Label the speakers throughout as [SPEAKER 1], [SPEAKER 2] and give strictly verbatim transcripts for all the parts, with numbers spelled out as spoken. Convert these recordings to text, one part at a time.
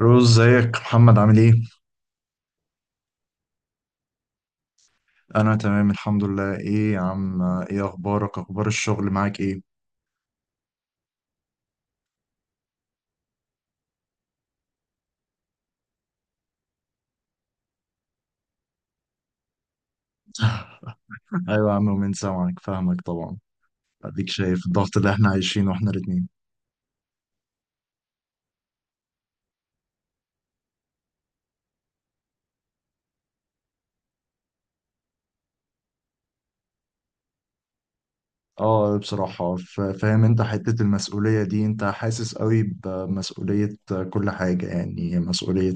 [SPEAKER 1] روز، ازيك محمد؟ عامل ايه؟ انا تمام الحمد لله. ايه يا عم، ايه اخبارك؟ اخبار الشغل معاك ايه؟ ايوه يا عم، ومن سامعك فاهمك طبعا. اديك شايف الضغط اللي احنا عايشينه احنا الاتنين. اه بصراحة ف- فاهم، انت حتة المسؤولية دي انت حاسس قوي بمسؤولية. كل حاجة يعني مسؤولية.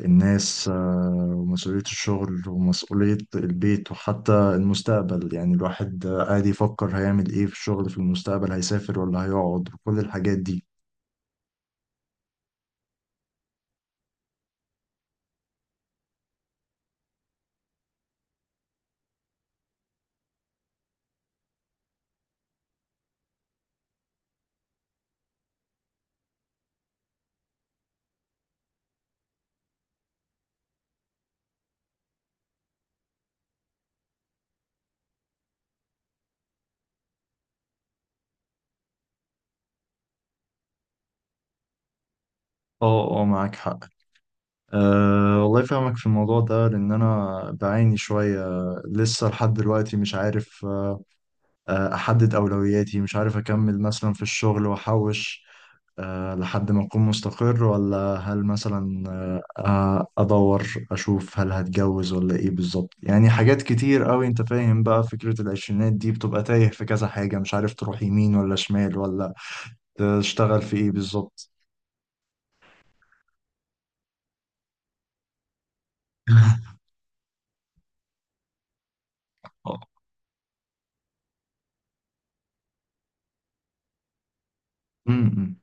[SPEAKER 1] الناس آه، ومسؤولية الشغل ومسؤولية البيت وحتى المستقبل. يعني الواحد آه، قاعد يفكر هيعمل ايه في الشغل، في المستقبل هيسافر ولا هيقعد، وكل الحاجات دي. اه اه، معاك حق. أه والله فاهمك في الموضوع ده، لأن أنا بعاني شوية. لسه لحد دلوقتي مش عارف آه، آه، أحدد أولوياتي، مش عارف أكمل مثلا في الشغل وأحوش أه لحد ما أكون مستقر، ولا هل مثلا آه، آه، أدور أشوف هل هتجوز ولا إيه بالظبط. يعني حاجات كتير أوي. أنت فاهم بقى، فكرة العشرينات دي بتبقى تايه في كذا حاجة، مش عارف تروح يمين ولا شمال ولا تشتغل في إيه بالظبط. آه. م- م.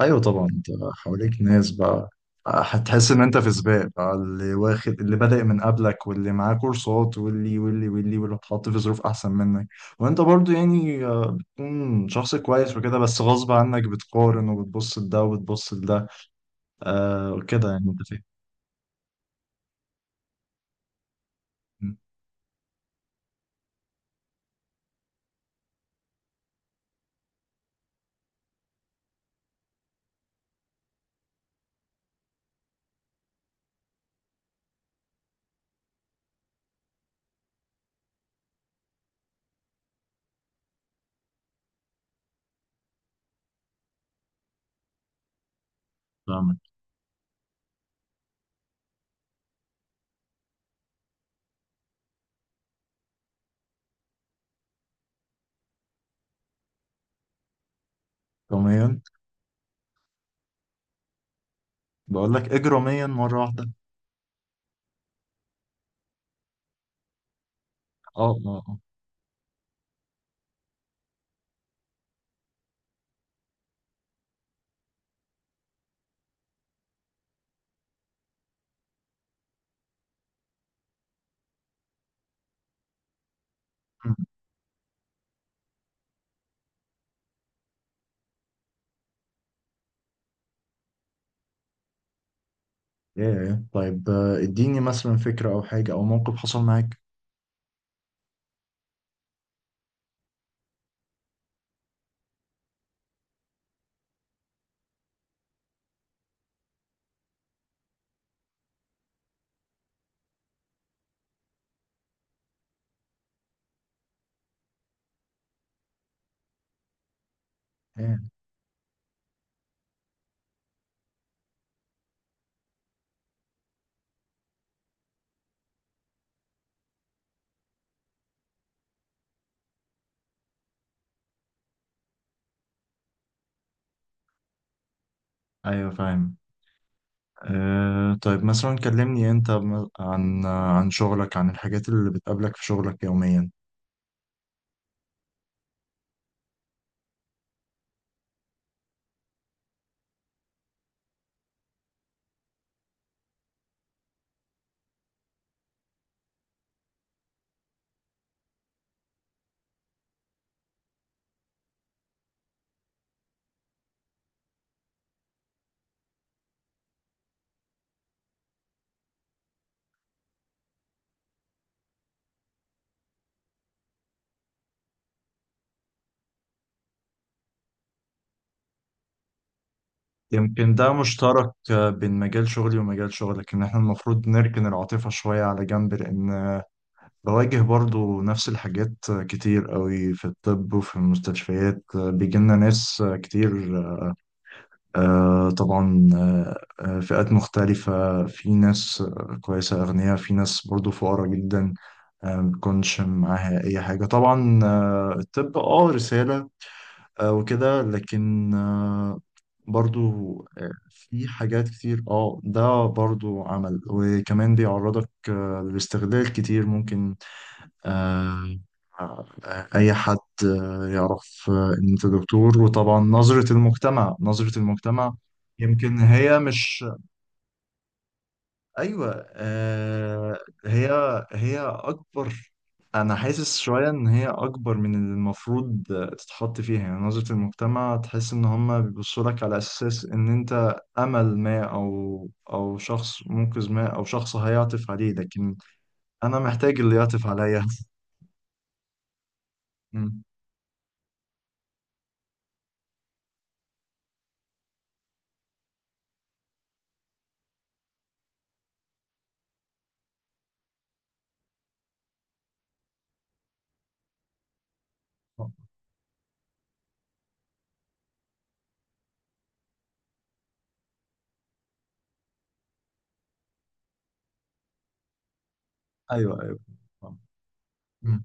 [SPEAKER 1] ايوه طبعا، انت حواليك ناس بقى، هتحس ان انت في سباق بقى، اللي واخد، اللي بادئ من قبلك، واللي معاه كورسات، واللي واللي واللي واللي اتحط في ظروف احسن منك. وانت برضو يعني آه، بتكون شخص كويس وكده، بس غصب عنك بتقارن وبتبص لده وبتبص لده. آه كده، يعني انت فاهم. مم، فاهمك. اجراميا؟ بقول لك اجراميا مره واحده. اه اه اه. مم، ايه إيه. طيب آه، اديني مثلا فكره او حاجه او موقف حصل معاك. ايه، ايوه فاهم. آه، طيب مثلا كلمني انت م- عن عن شغلك، عن الحاجات اللي بتقابلك في شغلك يوميا. يمكن ده مشترك آه، بين مجال شغلي ومجال شغلك، ان احنا المفروض نركن العاطفة شوية على جنب. لان بواجه برضو نفس الحاجات آه، كتير قوي في الطب وفي المستشفيات. آه، بيجيلنا ناس آه، كتير، آه، طبعا، آه، آه، فئات مختلفة، في ناس آه، كويسة أغنياء، في ناس برضو فقراء جدا آه، ما تكونش معاها أي حاجة طبعا. آه، الطب اه رسالة آه، وكده، لكن آه، برضو آه، في حاجات كتير. اه ده برضو عمل، وكمان بيعرضك آه، للاستغلال كتير ممكن. آه، آه، أي حد آه، يعرف آه، إن أنت دكتور، وطبعا نظرة المجتمع، نظرة المجتمع يمكن هي مش، ايوه آه. هي، هي اكبر. انا حاسس شويه ان هي اكبر من اللي المفروض تتحط فيها. يعني نظره المجتمع، تحس ان هم بيبصوا لك على اساس ان انت امل ما او او شخص منقذ ما او شخص هيعطف عليه، لكن انا محتاج اللي يعطف عليا. مم. ايوه ايوه. مم.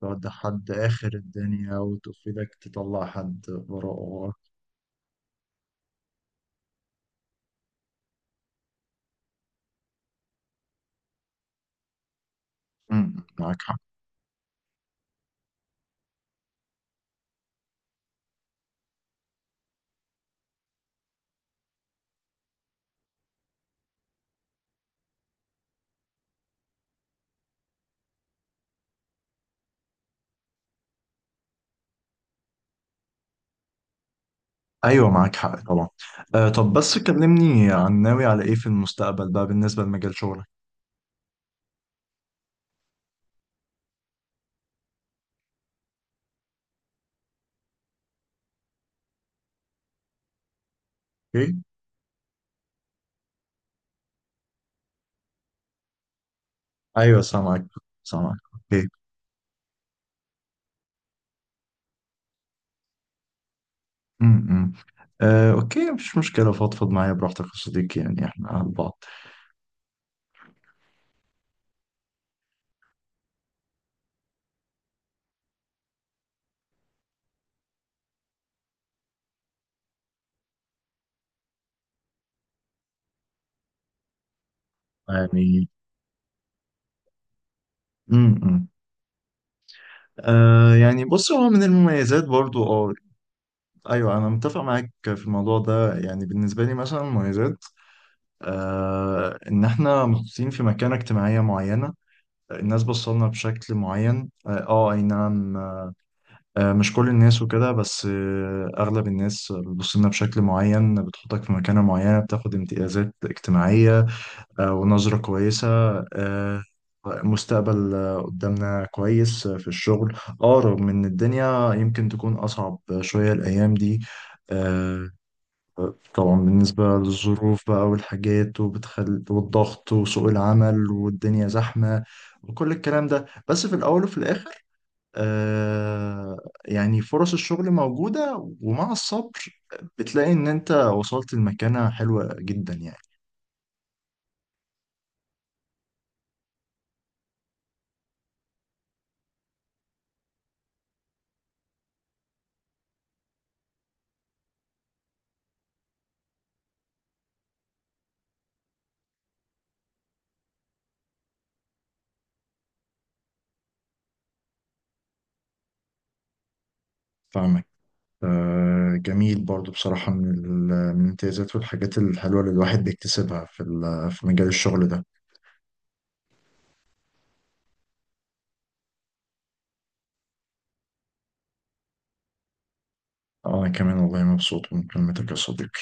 [SPEAKER 1] تودي حد اخر الدنيا وتقفلك تطلع حد وراه. مم. معاك حق. ايوه معاك حق طبعا. آه، طب بس كلمني عن ناوي على ايه في المستقبل بقى بالنسبه لمجال شغلك. اوكي. ايوه سامعك، سامعك. اوكي. امم، إمم. آه اوكي، مفيش مشكله، فضفض معايا براحتك يا صديقي، يعني احنا على بعض. يعني، امم، إمم. آه يعني، بص، هو من المميزات برضو اه. ايوه، انا متفق معاك في الموضوع ده. يعني بالنسبه لي مثلا مميزات، آه إن إحنا محطوطين في مكانة اجتماعية معينة، الناس بصلنا بشكل معين. آه آه، أي نعم. آه مش كل الناس وكده بس، آه أغلب الناس بتبصلنا بشكل معين، بتحطك في مكانة معينة، بتاخد امتيازات اجتماعية، آه ونظرة كويسة. آه، مستقبل آه، قدامنا كويس آه، في الشغل. اه رغم ان الدنيا يمكن تكون اصعب شوية الايام دي، آه، طبعا بالنسبة للظروف بقى والحاجات وبتخل... والضغط وسوق العمل والدنيا زحمة وكل الكلام ده. بس في الأول وفي الآخر آه يعني فرص الشغل موجودة، ومع الصبر بتلاقي إن أنت وصلت لمكانة حلوة جدا يعني. فاهمك. آه جميل برضو بصراحة من ال- من الامتيازات والحاجات الحلوة اللي الواحد بيكتسبها في ال- في مجال الشغل ده. أنا كمان والله مبسوط من كلمتك يا صديقي.